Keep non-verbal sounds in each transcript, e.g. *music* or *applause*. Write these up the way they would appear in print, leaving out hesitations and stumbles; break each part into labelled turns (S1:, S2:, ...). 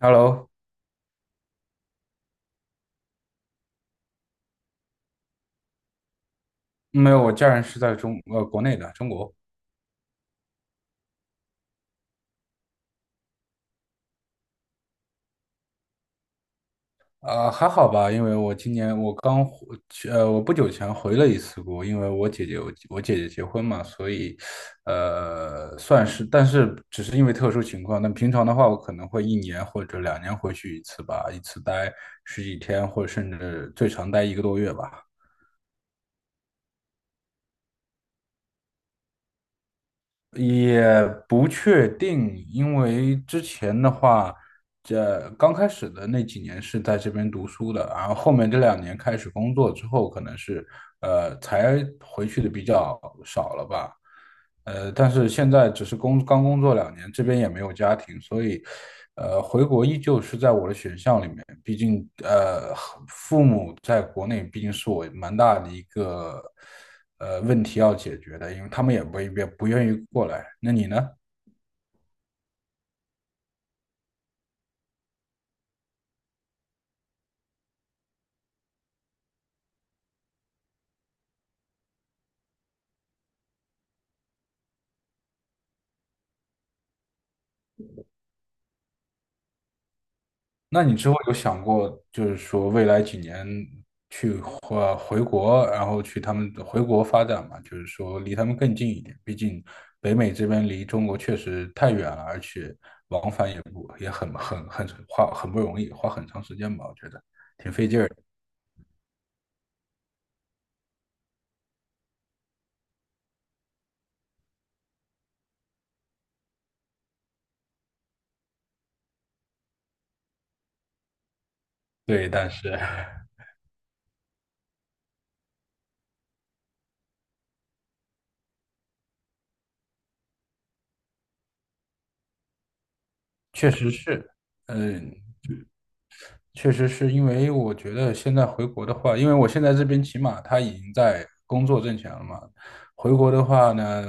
S1: Hello，没有，我家人是在国内的中国。还好吧，因为我今年我刚回去，我不久前回了一次国，因为我姐姐结婚嘛，所以算是。但是只是因为特殊情况，那平常的话我可能会一年或者两年回去一次吧，一次待十几天或者甚至最长待一个多月吧。也不确定，因为之前的话，这刚开始的那几年是在这边读书的，然后后面这两年开始工作之后，可能是才回去的比较少了吧。但是现在只是刚工作两年，这边也没有家庭，所以回国依旧是在我的选项里面，毕竟父母在国内毕竟是我蛮大的一个。问题要解决的，因为他们也不愿意过来。那你呢？那你之后有想过，就是说未来几年或回国，然后去他们回国发展嘛？就是说离他们更近一点，毕竟北美这边离中国确实太远了，而且往返也不也很花，很不容易，花很长时间吧，我觉得。对，但是确实是。嗯，确实是因为我觉得现在回国的话，因为我现在这边起码他已经在工作挣钱了嘛。回国的话呢，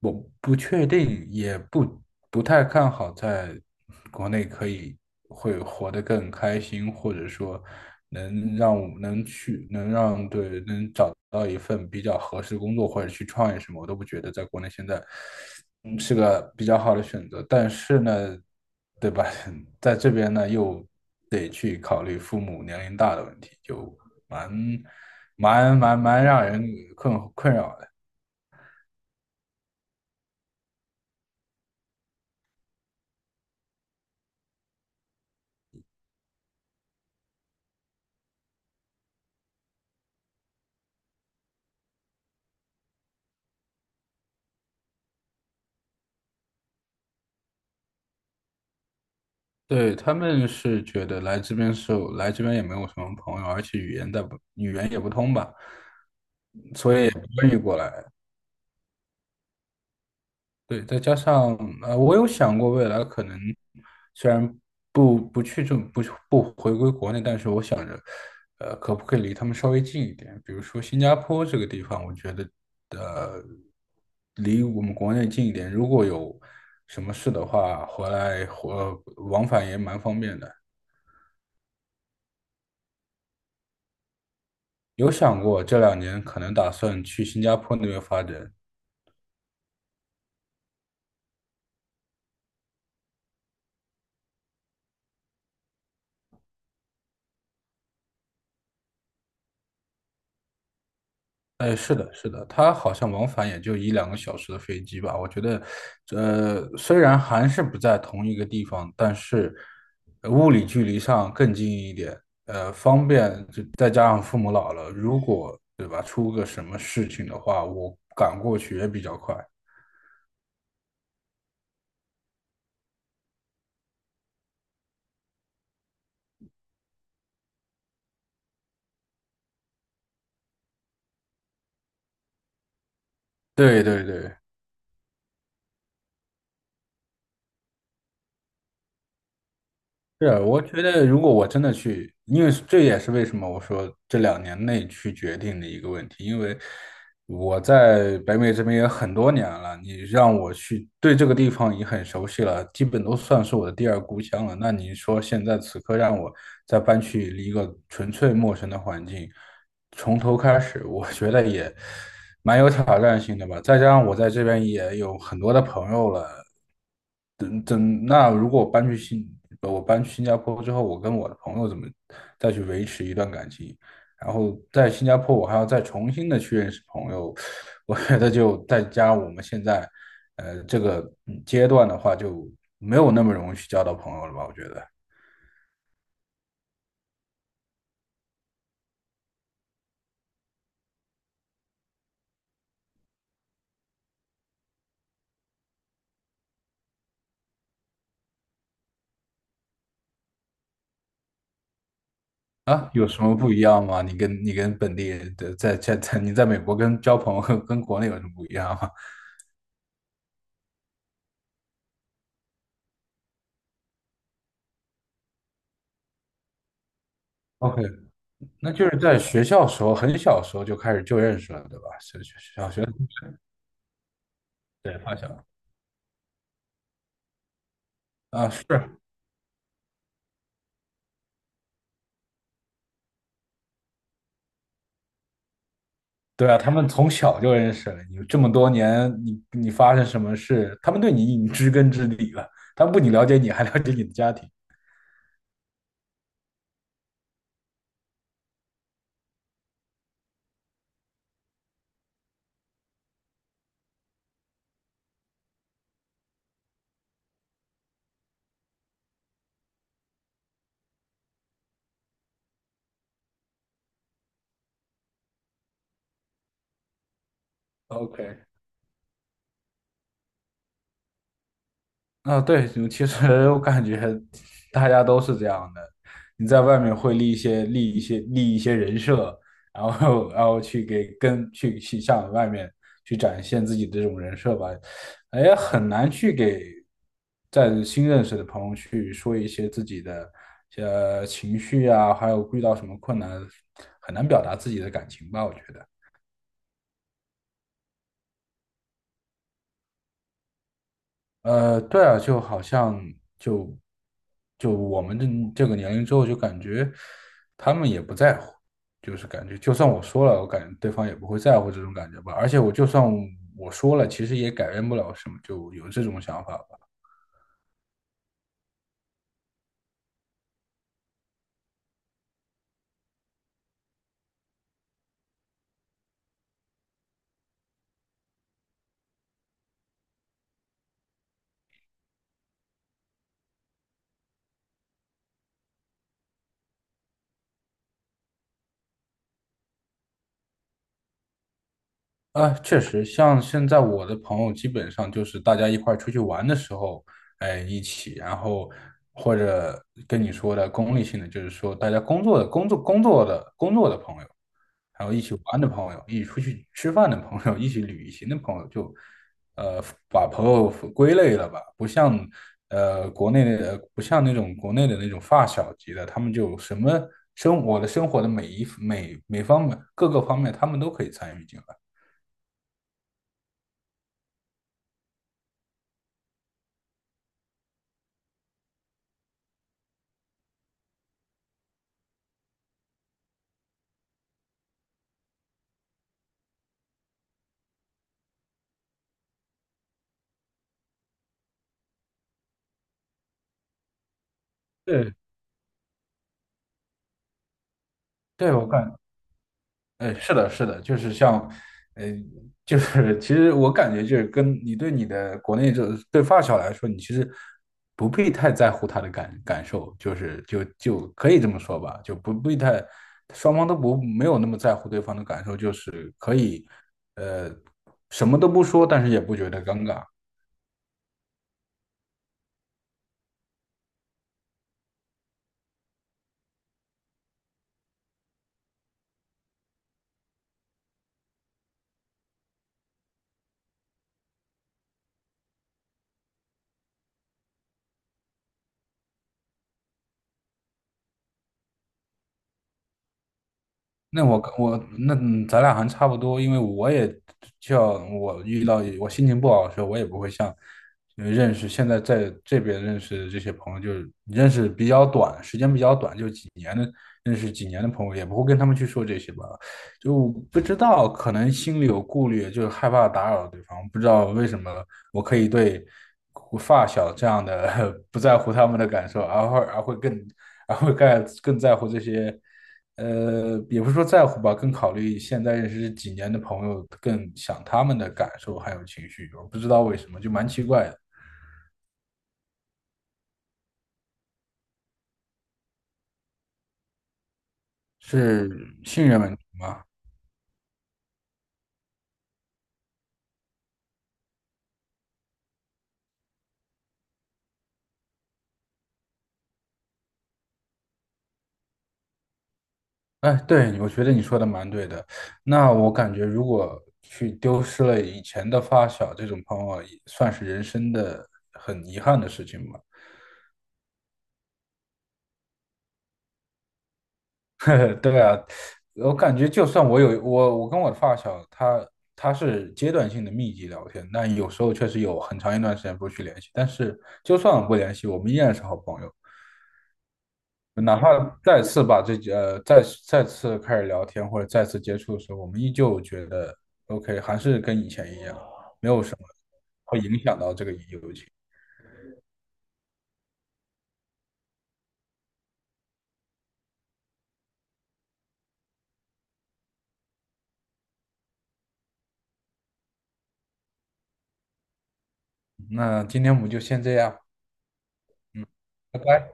S1: 我不确定，也不不太看好在国内可以会活得更开心，或者说能让我能去能让对能找到一份比较合适的工作，或者去创业什么，我都不觉得在国内现在是个比较好的选择。但是呢，对吧？*laughs* 在这边呢，又得去考虑父母年龄大的问题，就蛮蛮让人困扰的。对，他们是觉得来这边也没有什么朋友，而且语言也不通吧，所以也不愿意过来。对，再加上我有想过未来可能虽然不不去这不不回归国内，但是我想着，可不可以离他们稍微近一点？比如说新加坡这个地方，我觉得呃，离我们国内近一点，如果有什么事的话，回来或往返也蛮方便的。有想过这两年可能打算去新加坡那边发展。哎，是的，是的，它好像往返也就一两个小时的飞机吧。我觉得，虽然还是不在同一个地方，但是物理距离上更近一点，方便。就再加上父母老了，如果对吧，出个什么事情的话，我赶过去也比较快。对对对。是啊，我觉得如果我真的去，因为这也是为什么我说这两年内去决定的一个问题，因为我在北美这边也很多年了，你让我去对这个地方也很熟悉了，基本都算是我的第二故乡了。那你说现在此刻让我再搬去一个纯粹陌生的环境，从头开始，我觉得也蛮有挑战性的吧。再加上我在这边也有很多的朋友了，等等，那如果我搬去新加坡之后，我跟我的朋友怎么再去维持一段感情？然后在新加坡，我还要再重新的去认识朋友，我觉得就再加上我们现在，呃，这个阶段的话，就没有那么容易去交到朋友了吧？我觉得。啊，有什么不一样吗？你跟本地人的在在在你在美国交朋友跟国内有什么不一样吗？OK，那就是在学校时候，很小时候就开始就认识了，对吧？小学。对发小。啊，是。对啊，他们从小就认识了你，这么多年，你发生什么事，他们对你已经知根知底了，他们不仅了解你，还了解你的家庭。OK。啊，对，就其实 *laughs* 我感觉大家都是这样的。你在外面会立一些人设，然后去向外面去展现自己的这种人设吧。哎，很难去给在新认识的朋友去说一些自己的情绪啊，还有遇到什么困难，很难表达自己的感情吧，我觉得。对啊，就好像就我们这这个年龄之后，就感觉他们也不在乎，就是感觉就算我说了，我感觉对方也不会在乎这种感觉吧。而且我就算我说了，其实也改变不了什么，就有这种想法吧。啊，确实，像现在我的朋友基本上就是大家一块儿出去玩的时候，哎，一起，然后或者跟你说的功利性的，就是说大家工作的朋友，还有一起玩的朋友，一起出去吃饭的朋友，一起旅行的朋友，就把朋友归类了吧，不像国内的，不像那种国内的那种发小级的，他们就什么生我的生活的每一每每方面各个方面，他们都可以参与进来。对。对，是的，是的，就是像，呃，就是其实我感觉就是跟你对你的国内这对发小来说，你其实不必太在乎他的感受，就是就可以这么说吧，就不必太，双方都不没有那么在乎对方的感受，就是可以，呃，什么都不说，但是也不觉得尴尬。那我跟我那嗯咱俩还差不多，因为我也就像我遇到我心情不好的时候，我也不会像呃认识现在在这边认识的这些朋友，就是认识比较短，时间比较短，就几年的认识几年的朋友，也不会跟他们去说这些吧，就不知道可能心里有顾虑，就是害怕打扰对方，不知道为什么我可以对我发小这样的 *laughs* 不在乎他们的感受，而会而会更而会更更在乎这些。也不是说在乎吧，更考虑现在认识几年的朋友，更想他们的感受还有情绪。我不知道为什么，就蛮奇怪的，是信任问题吗？哎，对，我觉得你说的蛮对的。那我感觉，如果去丢失了以前的发小这种朋友，也算是人生的很遗憾的事情吧。*laughs* 对啊，我感觉就算我跟我的发小，他他是阶段性的密集聊天，但有时候确实有很长一段时间不去联系，但是就算不联系，我们依然是好朋友。哪怕再次把再次开始聊天或者再次接触的时候，我们依旧觉得 OK，还是跟以前一样，没有什么会影响到这个友情。那今天我们就先这样，拜拜。